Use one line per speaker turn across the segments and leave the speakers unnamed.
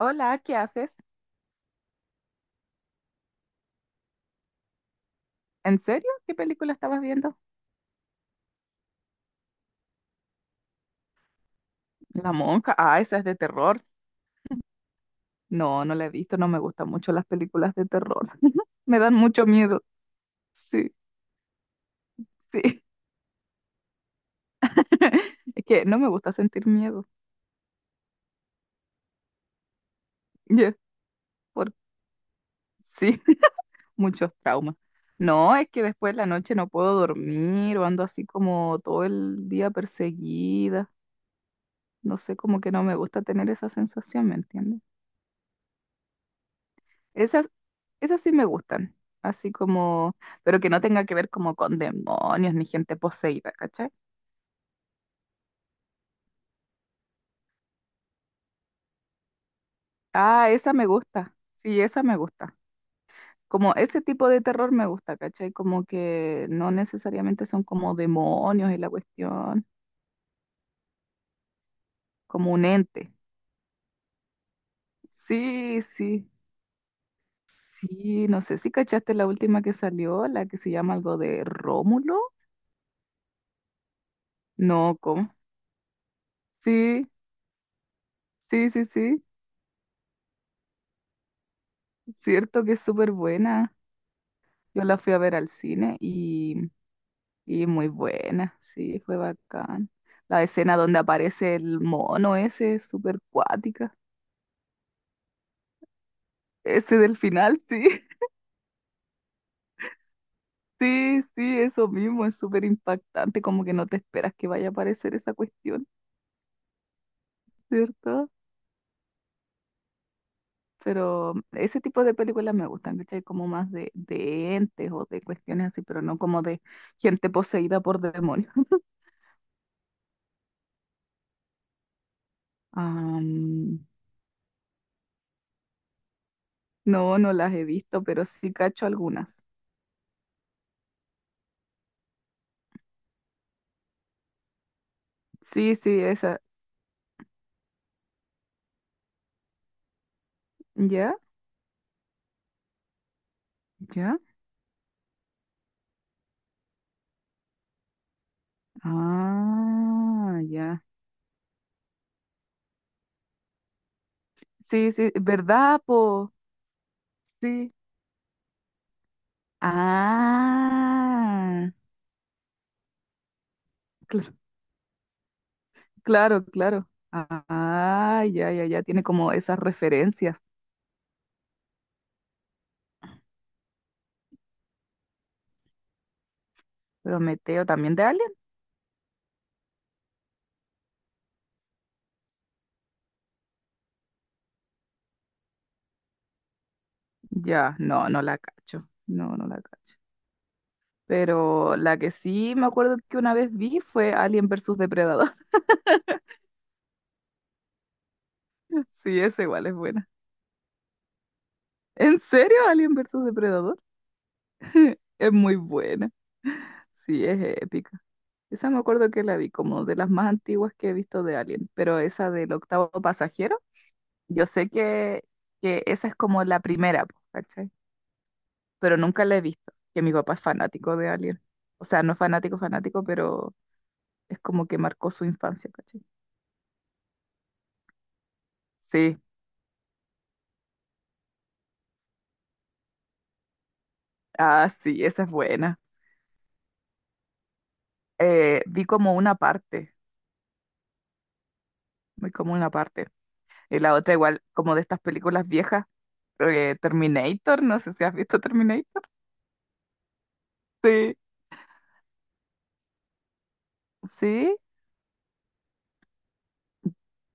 Hola, ¿qué haces? ¿En serio? ¿Qué película estabas viendo? La Monja. Ah, esa es de terror. No, no la he visto, no me gustan mucho las películas de terror. Me dan mucho miedo. Sí, sí. Es que no me gusta sentir miedo. Ya, por... Sí, muchos traumas. No, es que después de la noche no puedo dormir o ando así como todo el día perseguida. No sé, como que no me gusta tener esa sensación, ¿me entiendes? Esas, esas sí me gustan. Así como, pero que no tenga que ver como con demonios ni gente poseída, ¿cachai? Ah, esa me gusta. Sí, esa me gusta. Como ese tipo de terror me gusta, ¿cachai? Como que no necesariamente son como demonios y la cuestión, como un ente. Sí, sí. Sí, no sé si cachaste la última que salió, la que se llama algo de Rómulo. No, ¿cómo? Sí, sí, sí, sí. Cierto que es súper buena. Yo la fui a ver al cine y muy buena, sí, fue bacán. La escena donde aparece el mono ese es súper cuática. Ese del final, sí, sí, sí, eso mismo, es súper impactante, como que no te esperas que vaya a aparecer esa cuestión, ¿cierto? Pero ese tipo de películas me gustan, ¿cachai? Como más de entes o de cuestiones así, pero no como de gente poseída por demonios. Am, no, no las he visto, pero sí cacho algunas. Sí, sí, esa. ¿Ya? ¿Ya? Ah, ya. Sí, sí, ¿verdad, po? Sí, ah, cl- claro, claro. Ah, ya, ya, ya. Tiene como esas referencias. Prometeo también de Alien. Ya, no, no la cacho. No, no la cacho. Pero la que sí me acuerdo que una vez vi fue Alien versus Depredador. Sí, esa igual es buena. ¿En serio, Alien versus Depredador? Es muy buena. Sí, es épica. Esa me acuerdo que la vi como de las más antiguas que he visto de Alien, pero esa del octavo pasajero, yo sé que esa es como la primera, po, ¿cachai? Pero nunca la he visto, que mi papá es fanático de Alien. O sea, no es fanático, fanático, pero es como que marcó su infancia, ¿cachai? Sí, ah, sí, esa es buena. Vi como una parte, vi como una parte. Y la otra igual, como de estas películas viejas, Terminator, no sé si has visto Terminator. Sí, sí,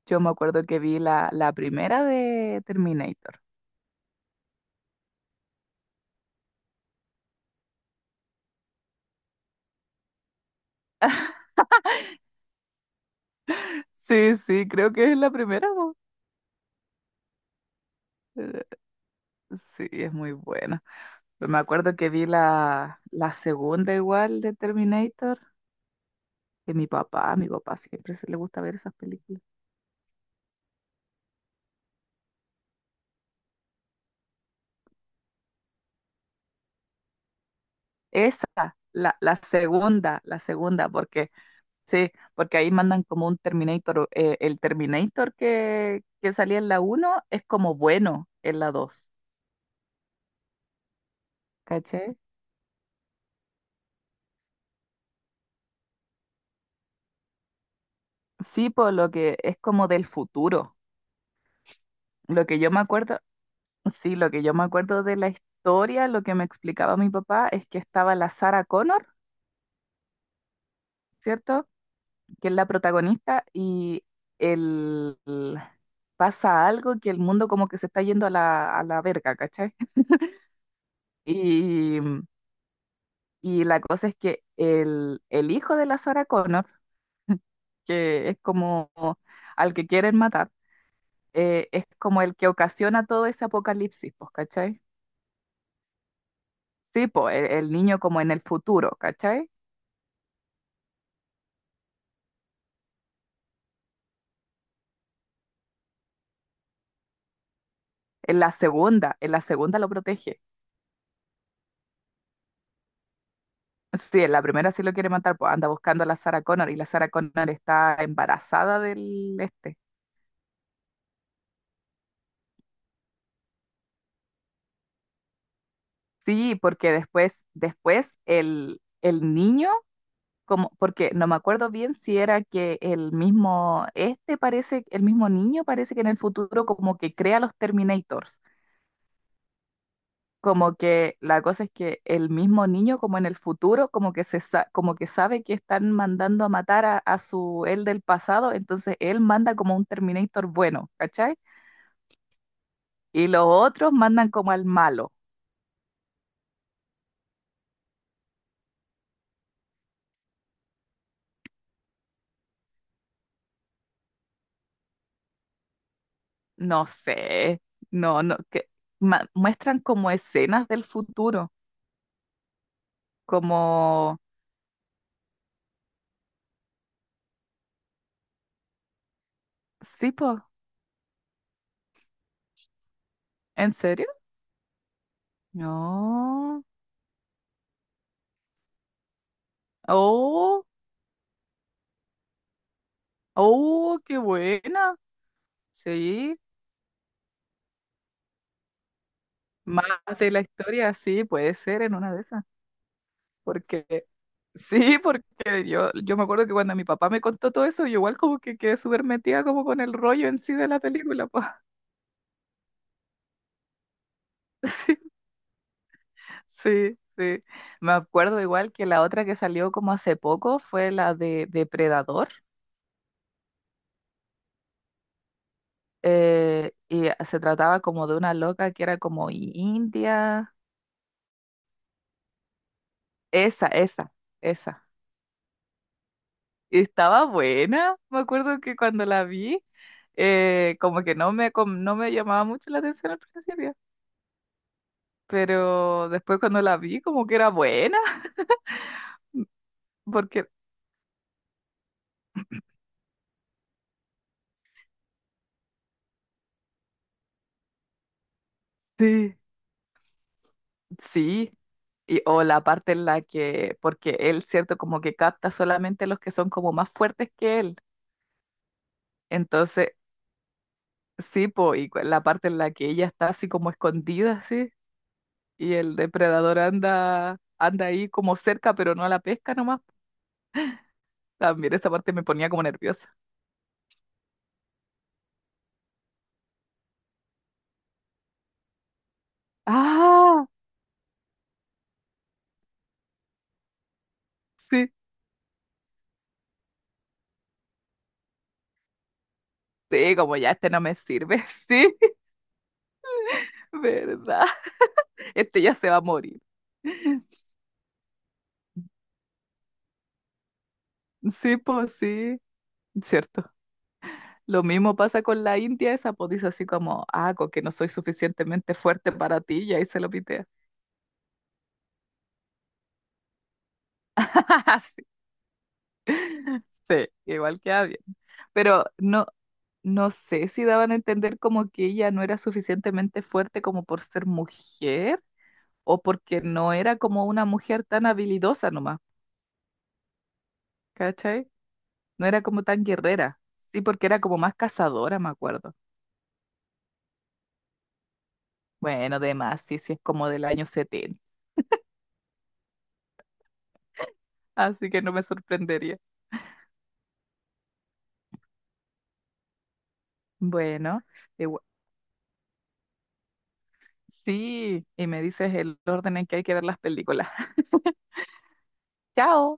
yo me acuerdo que vi la, la primera de Terminator. Sí, sí, creo que es la primera, po. Eh, Sí, es muy buena. Pero me acuerdo que vi la, la segunda igual de Terminator, que mi papá, a mi papá siempre se le gusta ver esas películas. Esa, la, la segunda, porque sí, porque ahí mandan como un Terminator. El Terminator que salía en la uno es como bueno en la dos. ¿Caché? Sí, por lo que es como del futuro. Lo que yo me acuerdo, sí, lo que yo me acuerdo de la historia, lo que me explicaba mi papá es que estaba la Sarah Connor, ¿cierto? Que es la protagonista y el, pasa algo que el mundo como que se está yendo a la verga, ¿cachai? Y y la cosa es que el hijo de la Sarah Connor, que es como al que quieren matar, es como el que ocasiona todo ese apocalipsis, pues, ¿cachai? Sí, pues, el niño como en el futuro, ¿cachai? En la segunda lo protege. Sí, en la primera sí lo quiere matar, pues anda buscando a la Sarah Connor y la Sarah Connor está embarazada del este. Sí, porque después, después el niño como, porque no me acuerdo bien si era que el mismo, este parece, el mismo niño parece que en el futuro como que crea los Terminators. Como que la cosa es que el mismo niño como en el futuro como que se como que sabe que están mandando a matar a su él del pasado, entonces él manda como un Terminator bueno, ¿cachai? Y los otros mandan como al malo. No sé, no, no, que muestran como escenas del futuro, como, sí, po, ¿en serio? No. Oh, oh, qué buena. Sí, más de la historia, sí, puede ser en una de esas. Porque, sí, porque yo me acuerdo que cuando mi papá me contó todo eso, yo igual como que quedé súper metida como con el rollo en sí de la película, pues. Sí, sí. Me acuerdo igual que la otra que salió como hace poco fue la de Depredador. Y se trataba como de una loca que era como india. Esa, esa, esa. Estaba buena, me acuerdo que cuando la vi, como que no no me llamaba mucho la atención al principio, pero después cuando la vi, como que era buena. Porque sí, sí, y, o la parte en la que, porque él, cierto, como que capta solamente los que son como más fuertes que él, entonces, sí, po, y la parte en la que ella está así como escondida, así, y el depredador anda, anda ahí como cerca, pero no la pesca nomás, también esa parte me ponía como nerviosa. Ah, sí, sí, como ya este no me sirve, sí, ¿verdad? Este ya se va a morir. Sí, pues sí, cierto. Lo mismo pasa con la India, esa pues dice así como, ah, con que no soy suficientemente fuerte para ti, y ahí se lo pitea. Sí, sí, igual queda bien. Pero no, no sé si daban a entender como que ella no era suficientemente fuerte como por ser mujer, o porque no era como una mujer tan habilidosa nomás, ¿cachai? No era como tan guerrera. Sí, porque era como más cazadora, me acuerdo. Bueno, de más, sí, sí, es como del año 70. Así que no me sorprendería. Bueno, igua- sí, y me dices el orden en que hay que ver las películas. Chao.